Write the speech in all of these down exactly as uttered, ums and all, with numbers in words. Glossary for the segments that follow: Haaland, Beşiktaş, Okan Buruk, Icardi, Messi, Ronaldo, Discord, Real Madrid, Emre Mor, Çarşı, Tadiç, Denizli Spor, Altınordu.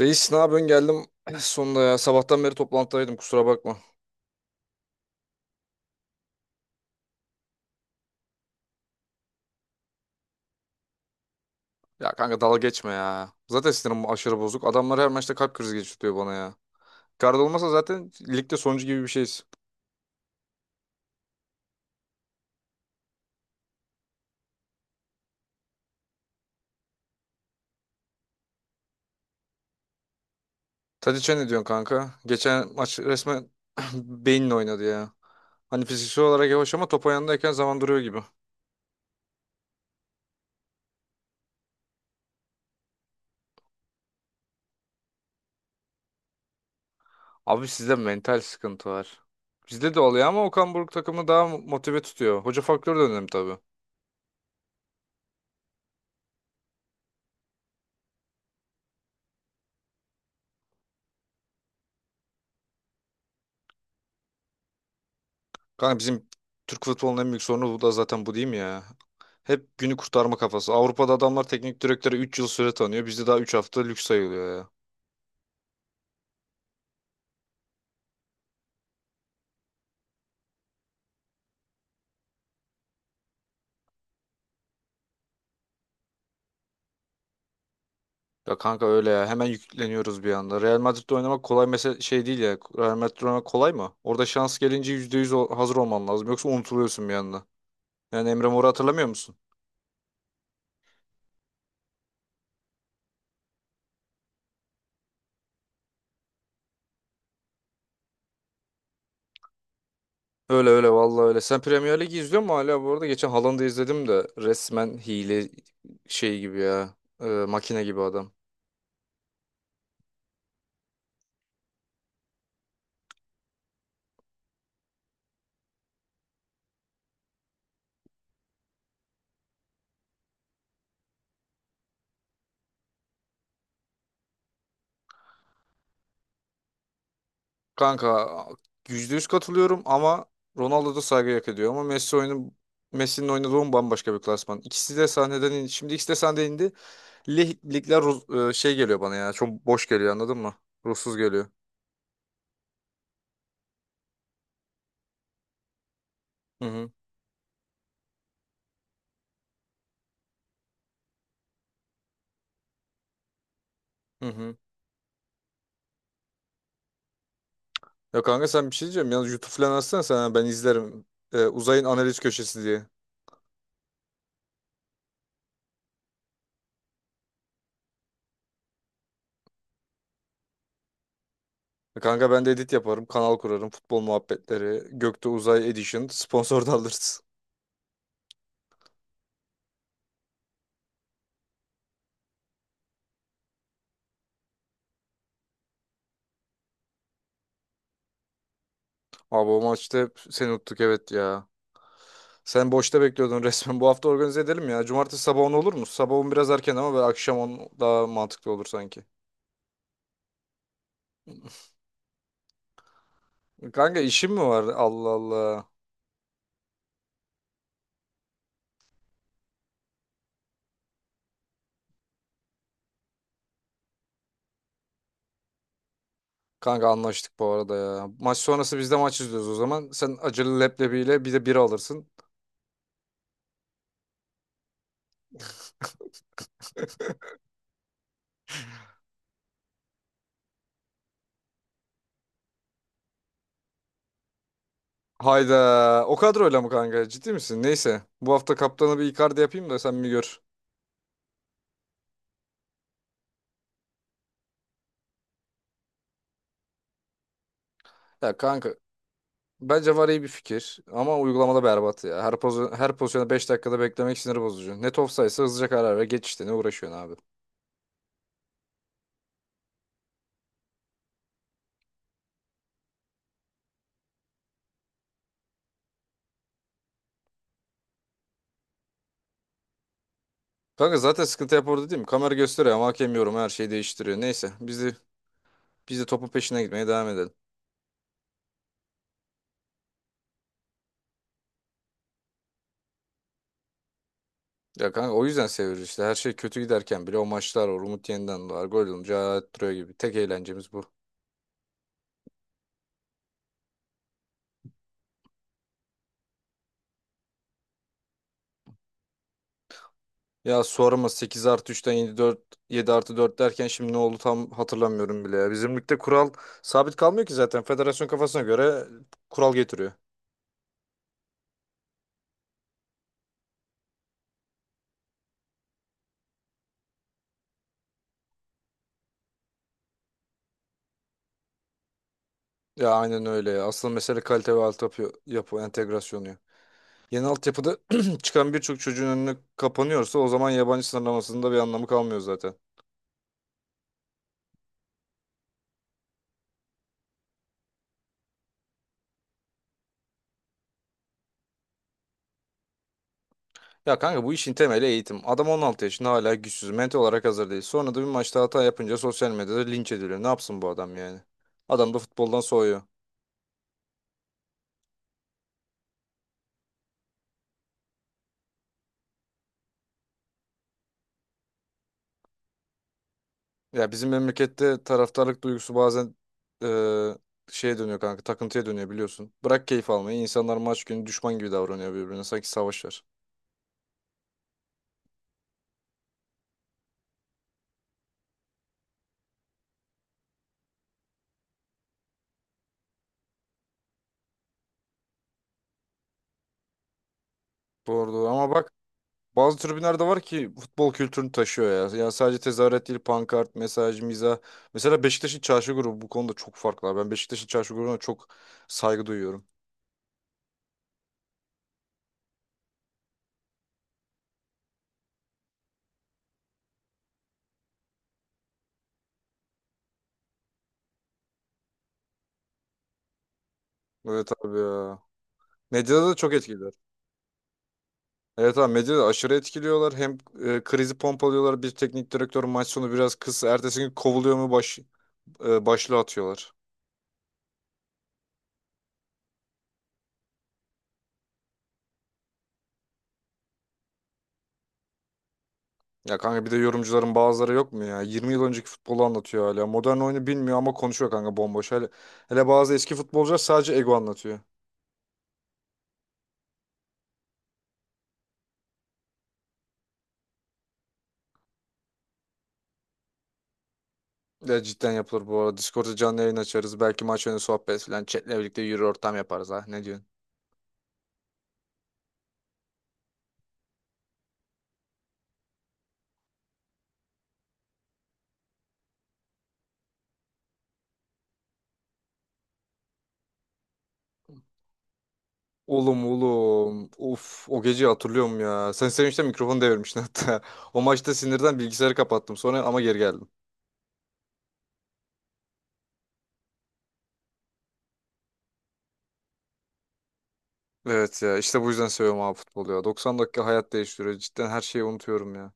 Reis ne yapıyorsun geldim Eh, sonunda ya. Sabahtan beri toplantıdaydım kusura bakma. Ya kanka dalga geçme ya. Zaten sinirim aşırı bozuk. Adamlar her maçta kalp krizi geçiriyor bana ya. Icardi olmasa zaten ligde sonuncu gibi bir şeyiz. Tadiç'e ne diyorsun kanka? Geçen maç resmen beyinle oynadı ya. Hani fiziksel olarak yavaş ama top ayağındayken zaman duruyor gibi. Abi sizde mental sıkıntı var. Bizde de oluyor ama Okan Buruk takımı daha motive tutuyor. Hoca faktörü de önemli tabii. Kanka bizim Türk futbolunun en büyük sorunu bu da zaten, bu değil mi ya? Hep günü kurtarma kafası. Avrupa'da adamlar teknik direktöre üç yıl süre tanıyor. Bizde daha üç hafta lüks sayılıyor ya. Ya kanka öyle ya. Hemen yükleniyoruz bir anda. Real Madrid'de oynamak kolay mesela şey değil ya. Real Madrid'de oynamak kolay mı? Orada şans gelince yüzde yüz o- hazır olman lazım. Yoksa unutuluyorsun bir anda. Yani Emre Mor'u hatırlamıyor musun? Öyle öyle, vallahi öyle. Sen Premier Ligi izliyor musun hala bu arada? Geçen Haaland'ı izledim de resmen hile şey gibi ya. Ee, makine gibi adam. Kanka yüzde yüz katılıyorum ama Ronaldo da saygı hak ediyor ama Messi oyunu Messi'nin oynadığı oyun bambaşka bir klasman. İkisi de sahneden indi. Şimdi ikisi de sahneden indi. Lig, ligler ru- e, şey geliyor bana ya. Çok boş geliyor, anladın mı? Ruhsuz geliyor. Hı hı. Hı hı. Ya kanka, sen bir şey diyeceğim. Yalnız YouTube falan açsana sen. ha, Ben izlerim. E, uzayın analiz köşesi diye. E, Kanka ben de edit yaparım. Kanal kurarım. Futbol muhabbetleri. Gökte Uzay Edition. Sponsor da alırız. Abi o maçta hep seni unuttuk, evet ya. Sen boşta bekliyordun resmen. Bu hafta organize edelim ya. Cumartesi sabah on olur mu? Sabah on biraz erken ama böyle akşam on daha mantıklı olur sanki. Kanka işim mi var? Allah Allah. Kanka anlaştık bu arada ya. Maç sonrası biz de maç izliyoruz o zaman. Sen acılı leblebiyle bir de bira alırsın. Hayda. O kadroyla mı kanka? Ciddi misin? Neyse. Bu hafta kaptanı bir Icardi yapayım da sen bir gör. Ya kanka, bence VAR iyi bir fikir ama uygulamada berbat ya. Her, poz her pozisyonu beş dakikada beklemek sinir bozucu. Net offside'sa hızlıca karar ver. Geç işte, ne uğraşıyorsun abi. Kanka zaten sıkıntı hep orada değil mi? Kamera gösteriyor ama hakem yorum her şeyi değiştiriyor. Neyse biz de, biz de topun peşine gitmeye devam edelim. Ya kanka, o yüzden seviyoruz işte. Her şey kötü giderken bile o maçlar var. Umut yeniden doğar. Gol olunca hayat duruyor gibi. Tek eğlencemiz bu. Ya sorma, sekiz artı üçten yedi dört, yedi artı dört derken şimdi ne oldu tam hatırlamıyorum bile ya. Bizim ligde kural sabit kalmıyor ki zaten. Federasyon kafasına göre kural getiriyor. Ya aynen öyle ya. Asıl mesele kalite ve altyapı yapı entegrasyonu ya. Yeni altyapıda çıkan birçok çocuğun önüne kapanıyorsa o zaman yabancı sınırlamasının da bir anlamı kalmıyor zaten. Ya kanka, bu işin temeli eğitim. Adam on altı yaşında hala güçsüz, mental olarak hazır değil. Sonra da bir maçta hata yapınca sosyal medyada linç ediliyor. Ne yapsın bu adam yani? Adam da futboldan soğuyor. Ya bizim memlekette taraftarlık duygusu bazen eee, şeye dönüyor kanka, takıntıya dönüyor biliyorsun. Bırak keyif almayı, insanlar maç günü düşman gibi davranıyor birbirine. Sanki savaş var. Doğru doğru, ama bak, bazı tribünler de var ki futbol kültürünü taşıyor ya. Yani sadece tezahürat değil, pankart, mesaj, mizah. Mesela Beşiktaş'ın çarşı grubu bu konuda çok farklı. Ben Beşiktaş'ın çarşı grubuna çok saygı duyuyorum. Evet abi ya. Medyada da çok etkililer. Evet abi, medyada aşırı etkiliyorlar. Hem e, krizi pompalıyorlar. Bir teknik direktör maç sonu biraz kız ertesi gün kovuluyor mu baş, e, başlığı atıyorlar. Ya kanka, bir de yorumcuların bazıları yok mu ya? Yirmi yıl önceki futbolu anlatıyor hala. Modern oyunu bilmiyor ama konuşuyor kanka bomboş. Hele, hele bazı eski futbolcular sadece ego anlatıyor. Ya cidden yapılır bu arada. Discord'da canlı yayın açarız. Belki maç önü sohbet falan. Chat'le birlikte yürü ortam yaparız ha. Ne diyorsun? Oğlum, oğlum. Uf, o geceyi hatırlıyorum ya. Sen sevinçten mikrofonu devirmiştin hatta. O maçta sinirden bilgisayarı kapattım sonra ama geri geldim. Evet ya, işte bu yüzden seviyorum abi futbolu ya. Doksan dakika hayat değiştiriyor. Cidden her şeyi unutuyorum ya.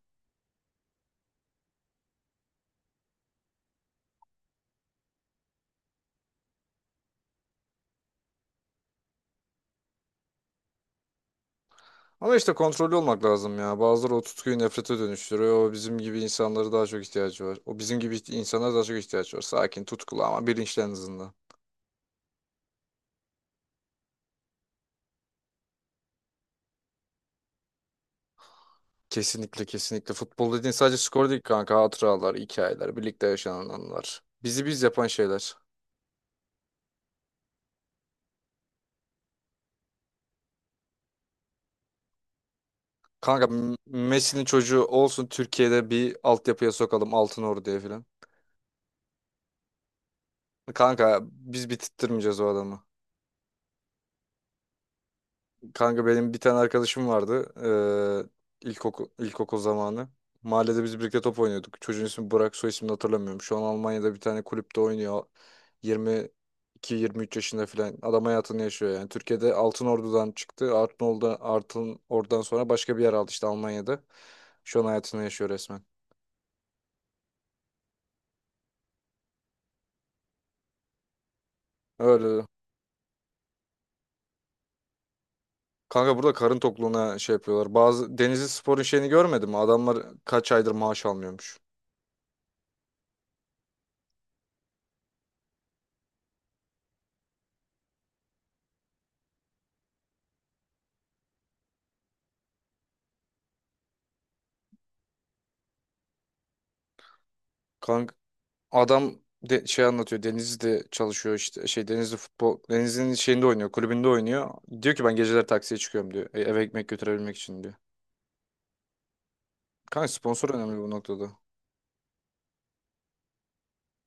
Ama işte kontrollü olmak lazım ya. Bazıları o tutkuyu nefrete dönüştürüyor. O bizim gibi insanlara daha çok ihtiyacı var. O bizim gibi insanlara daha çok ihtiyaç var. Sakin, tutkulu ama bilinçli en azından. Kesinlikle kesinlikle. Futbol dediğin sadece skor değil kanka. Hatıralar, hikayeler, birlikte yaşanan anılar. Bizi biz yapan şeyler. Kanka M- Messi'nin çocuğu olsun, Türkiye'de bir altyapıya sokalım Altın Ordu'ya falan. Kanka biz bitirtmeyeceğiz o adamı. Kanka benim bir tane arkadaşım vardı. Ee, ilkokul, ilkokul zamanı. Mahallede biz birlikte top oynuyorduk. Çocuğun ismi Burak, soy ismini hatırlamıyorum. Şu an Almanya'da bir tane kulüpte oynuyor. yirmi iki yirmi üçe yaşında falan. Adam hayatını yaşıyor yani. Türkiye'de Altınordu'dan çıktı. Altınordu, Altınordu'dan sonra başka bir yer aldı işte Almanya'da. Şu an hayatını yaşıyor resmen. Öyle. Kanka burada karın tokluğuna şey yapıyorlar. Bazı Denizli Spor'un şeyini görmedim mi? Adamlar kaç aydır maaş almıyormuş. Adam de, şey anlatıyor. Denizli'de çalışıyor işte. Şey, Denizli futbol. Denizli'nin şeyinde oynuyor. Kulübünde oynuyor. Diyor ki ben geceler taksiye çıkıyorum diyor. E, eve ekmek götürebilmek için diyor. Kanka sponsor önemli bu noktada.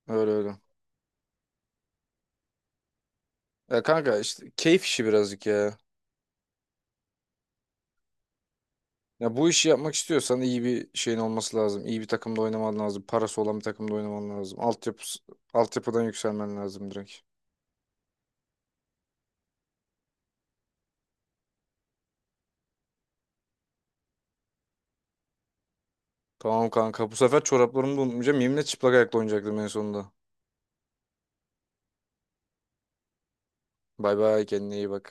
Öyle öyle. Ya kanka, işte keyif işi birazcık ya. Ya bu işi yapmak istiyorsan iyi bir şeyin olması lazım. İyi bir takımda oynaman lazım. Parası olan bir takımda oynaman lazım. Altyapı, altyapıdan yükselmen lazım direkt. Tamam kanka. Bu sefer çoraplarımı da unutmayacağım. Yeminle çıplak ayakla oynayacaktım en sonunda. Bay bay, kendine iyi bak.